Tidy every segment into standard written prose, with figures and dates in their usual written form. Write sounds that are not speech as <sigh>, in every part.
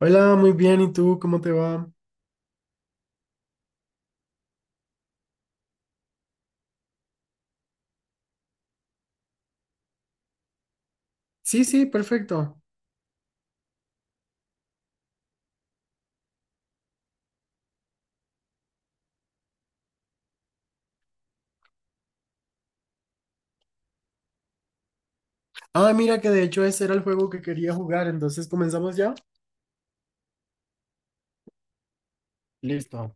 Hola, muy bien. ¿Y tú cómo te va? Sí, sí, perfecto. Ah, mira que de hecho ese era el juego que quería jugar, entonces comenzamos ya. Listo.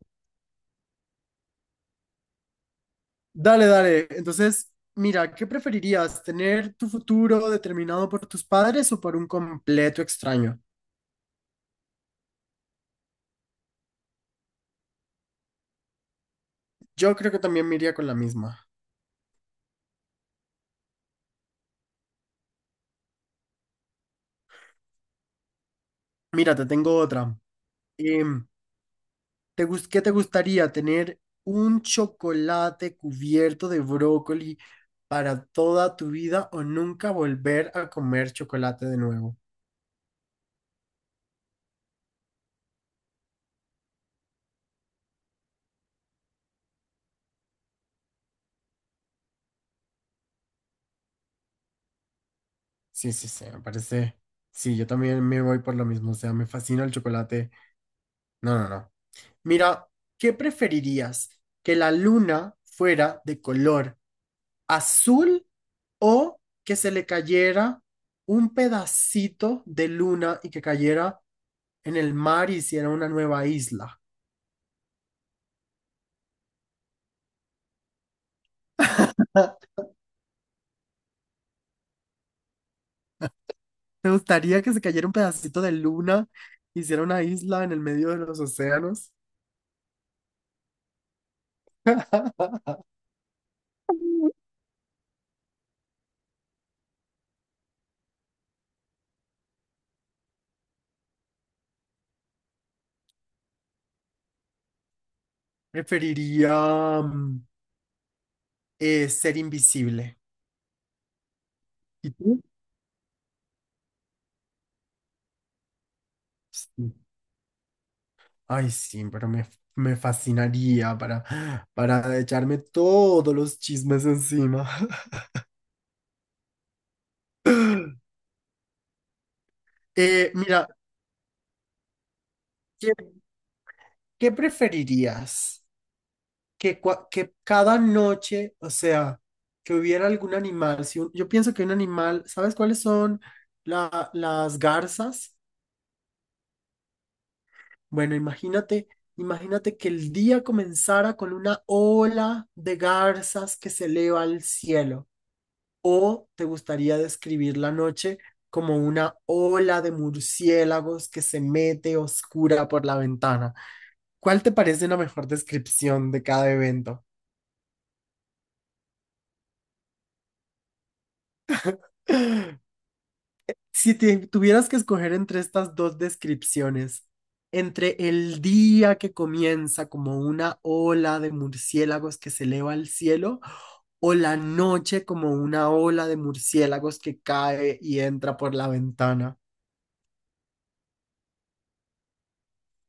Dale, dale. Entonces, mira, ¿qué preferirías? ¿Tener tu futuro determinado por tus padres o por un completo extraño? Yo creo que también me iría con la misma. Mira, te tengo otra. Em, ¿Qué te gustaría? ¿Tener un chocolate cubierto de brócoli para toda tu vida o nunca volver a comer chocolate de nuevo? Sí, sí, sí, me parece. Sí, yo también me voy por lo mismo, o sea, me fascina el chocolate. No, no, no. Mira, ¿qué preferirías? ¿Que la luna fuera de color azul o que se le cayera un pedacito de luna y que cayera en el mar y hiciera una nueva isla? ¿Te gustaría que se cayera un pedacito de luna, hiciera una isla en el medio de los océanos? Preferiría ser invisible. ¿Y tú? Sí. Ay, sí, pero me fascinaría para echarme todos los chismes encima. <laughs> Mira, ¿qué, ¿qué preferirías? Que cada noche, o sea, que hubiera algún animal. Si un- Yo pienso que un animal, ¿sabes cuáles son las garzas? Bueno, imagínate, imagínate que el día comenzara con una ola de garzas que se eleva al cielo. ¿O te gustaría describir la noche como una ola de murciélagos que se mete oscura por la ventana? ¿Cuál te parece una mejor descripción de cada evento? <laughs> Si te tuvieras que escoger entre estas dos descripciones, entre el día que comienza como una ola de murciélagos que se eleva al cielo o la noche como una ola de murciélagos que cae y entra por la ventana.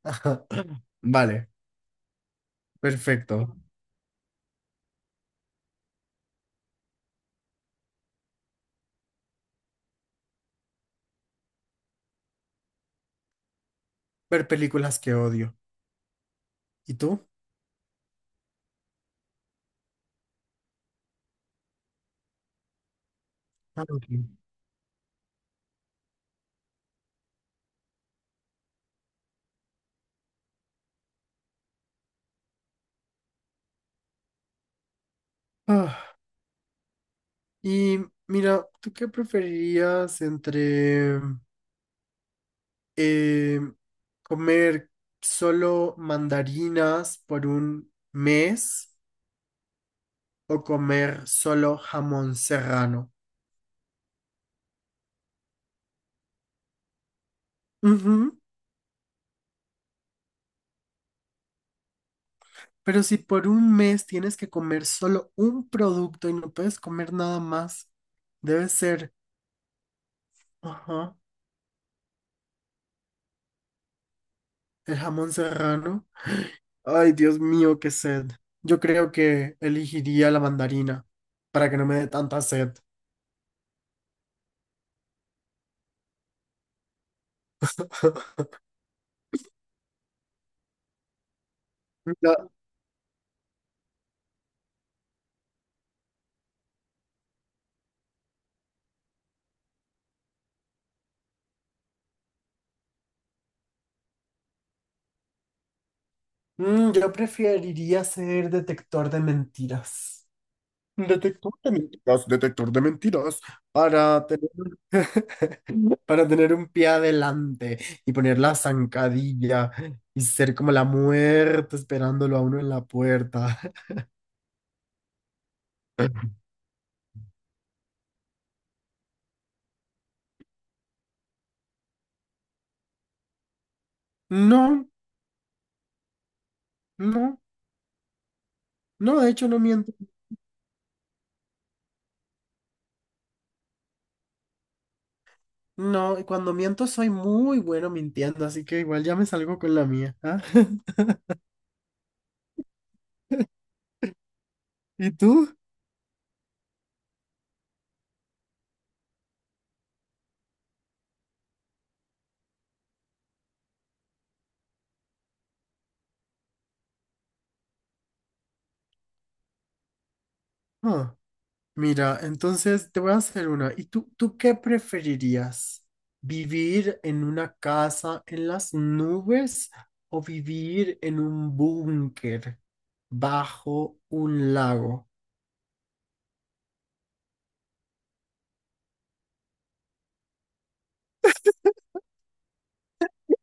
<laughs> Vale, perfecto. Ver películas que odio. ¿Y tú? Ah, ok. Ah, y mira, ¿tú qué preferirías entre eh, comer solo mandarinas por un mes o comer solo jamón serrano? Ujú. Pero si por un mes tienes que comer solo un producto y no puedes comer nada más, debe ser, ajá, el jamón serrano. Ay, Dios mío, qué sed. Yo creo que elegiría la mandarina para que no me dé tanta sed. La- yo preferiría ser detector de mentiras. Detector de mentiras, detector de mentiras, para tener, <laughs> para tener un pie adelante y poner la zancadilla y ser como la muerte esperándolo a uno en la puerta. <laughs> No, no, no, de hecho no miento. No, y cuando miento soy muy bueno mintiendo, así que igual ya me salgo con la mía. ¿Ah? <laughs> ¿Y tú? Ah, mira, entonces te voy a hacer una. ¿Y tú qué preferirías? ¿Vivir en una casa en las nubes o vivir en un búnker bajo un lago?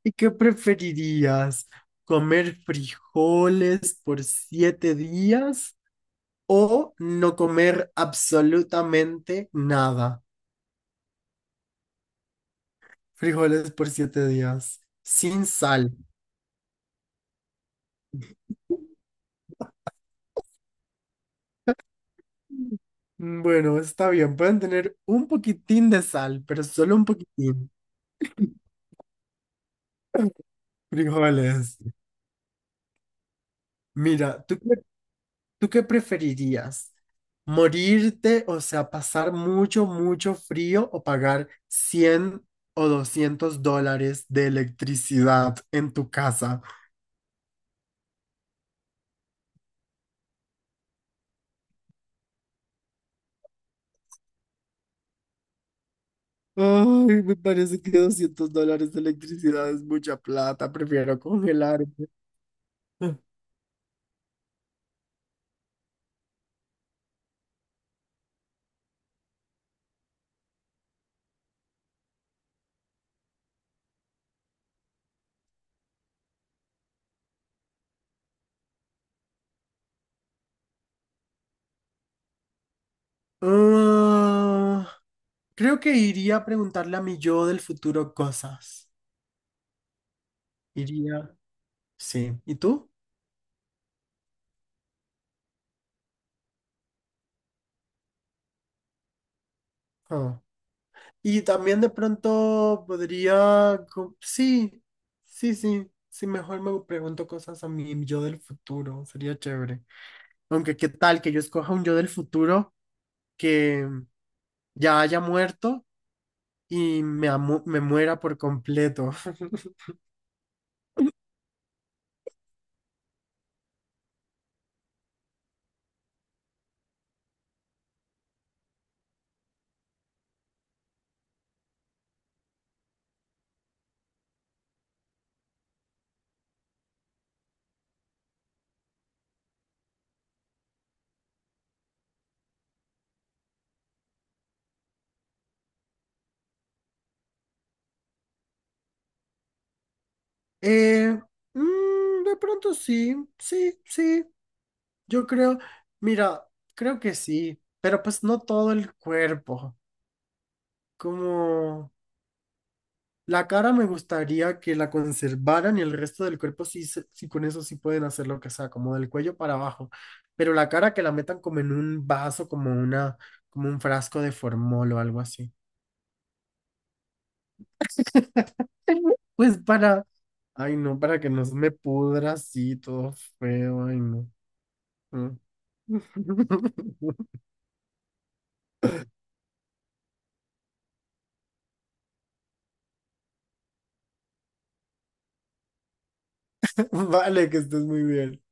¿Y qué preferirías? ¿Comer frijoles por 7 días o no comer absolutamente nada? Frijoles por siete días, sin sal. Bueno, está bien, pueden tener un poquitín de sal, pero solo un poquitín. Frijoles. Mira, ¿tú qué preferirías? ¿Morirte, o sea, pasar mucho, mucho frío o pagar 100 o $200 de electricidad en tu casa? Ay, me parece que $200 de electricidad es mucha plata, prefiero congelarme. Ah, creo que iría a preguntarle a mi yo del futuro cosas. Iría. Sí. ¿Y tú? Ah. Y también de pronto sí, sí, sí. Sí, mejor me pregunto cosas a mi yo del futuro. Sería chévere. Aunque qué tal que yo escoja un yo del futuro que ya haya muerto y me muera por completo. <laughs> Eh, de pronto sí, sí, sí. Yo creo, mira, creo que sí, pero pues no todo el cuerpo. Como la cara me gustaría que la conservaran y el resto del cuerpo sí, sí con eso sí pueden hacer lo que sea, como del cuello para abajo. Pero la cara que la metan como en un vaso, como un frasco de formol o algo así. <laughs> Pues para, ay no, para que no se me pudra así todo feo, ay no. Mm. <laughs> Vale, que estés muy bien.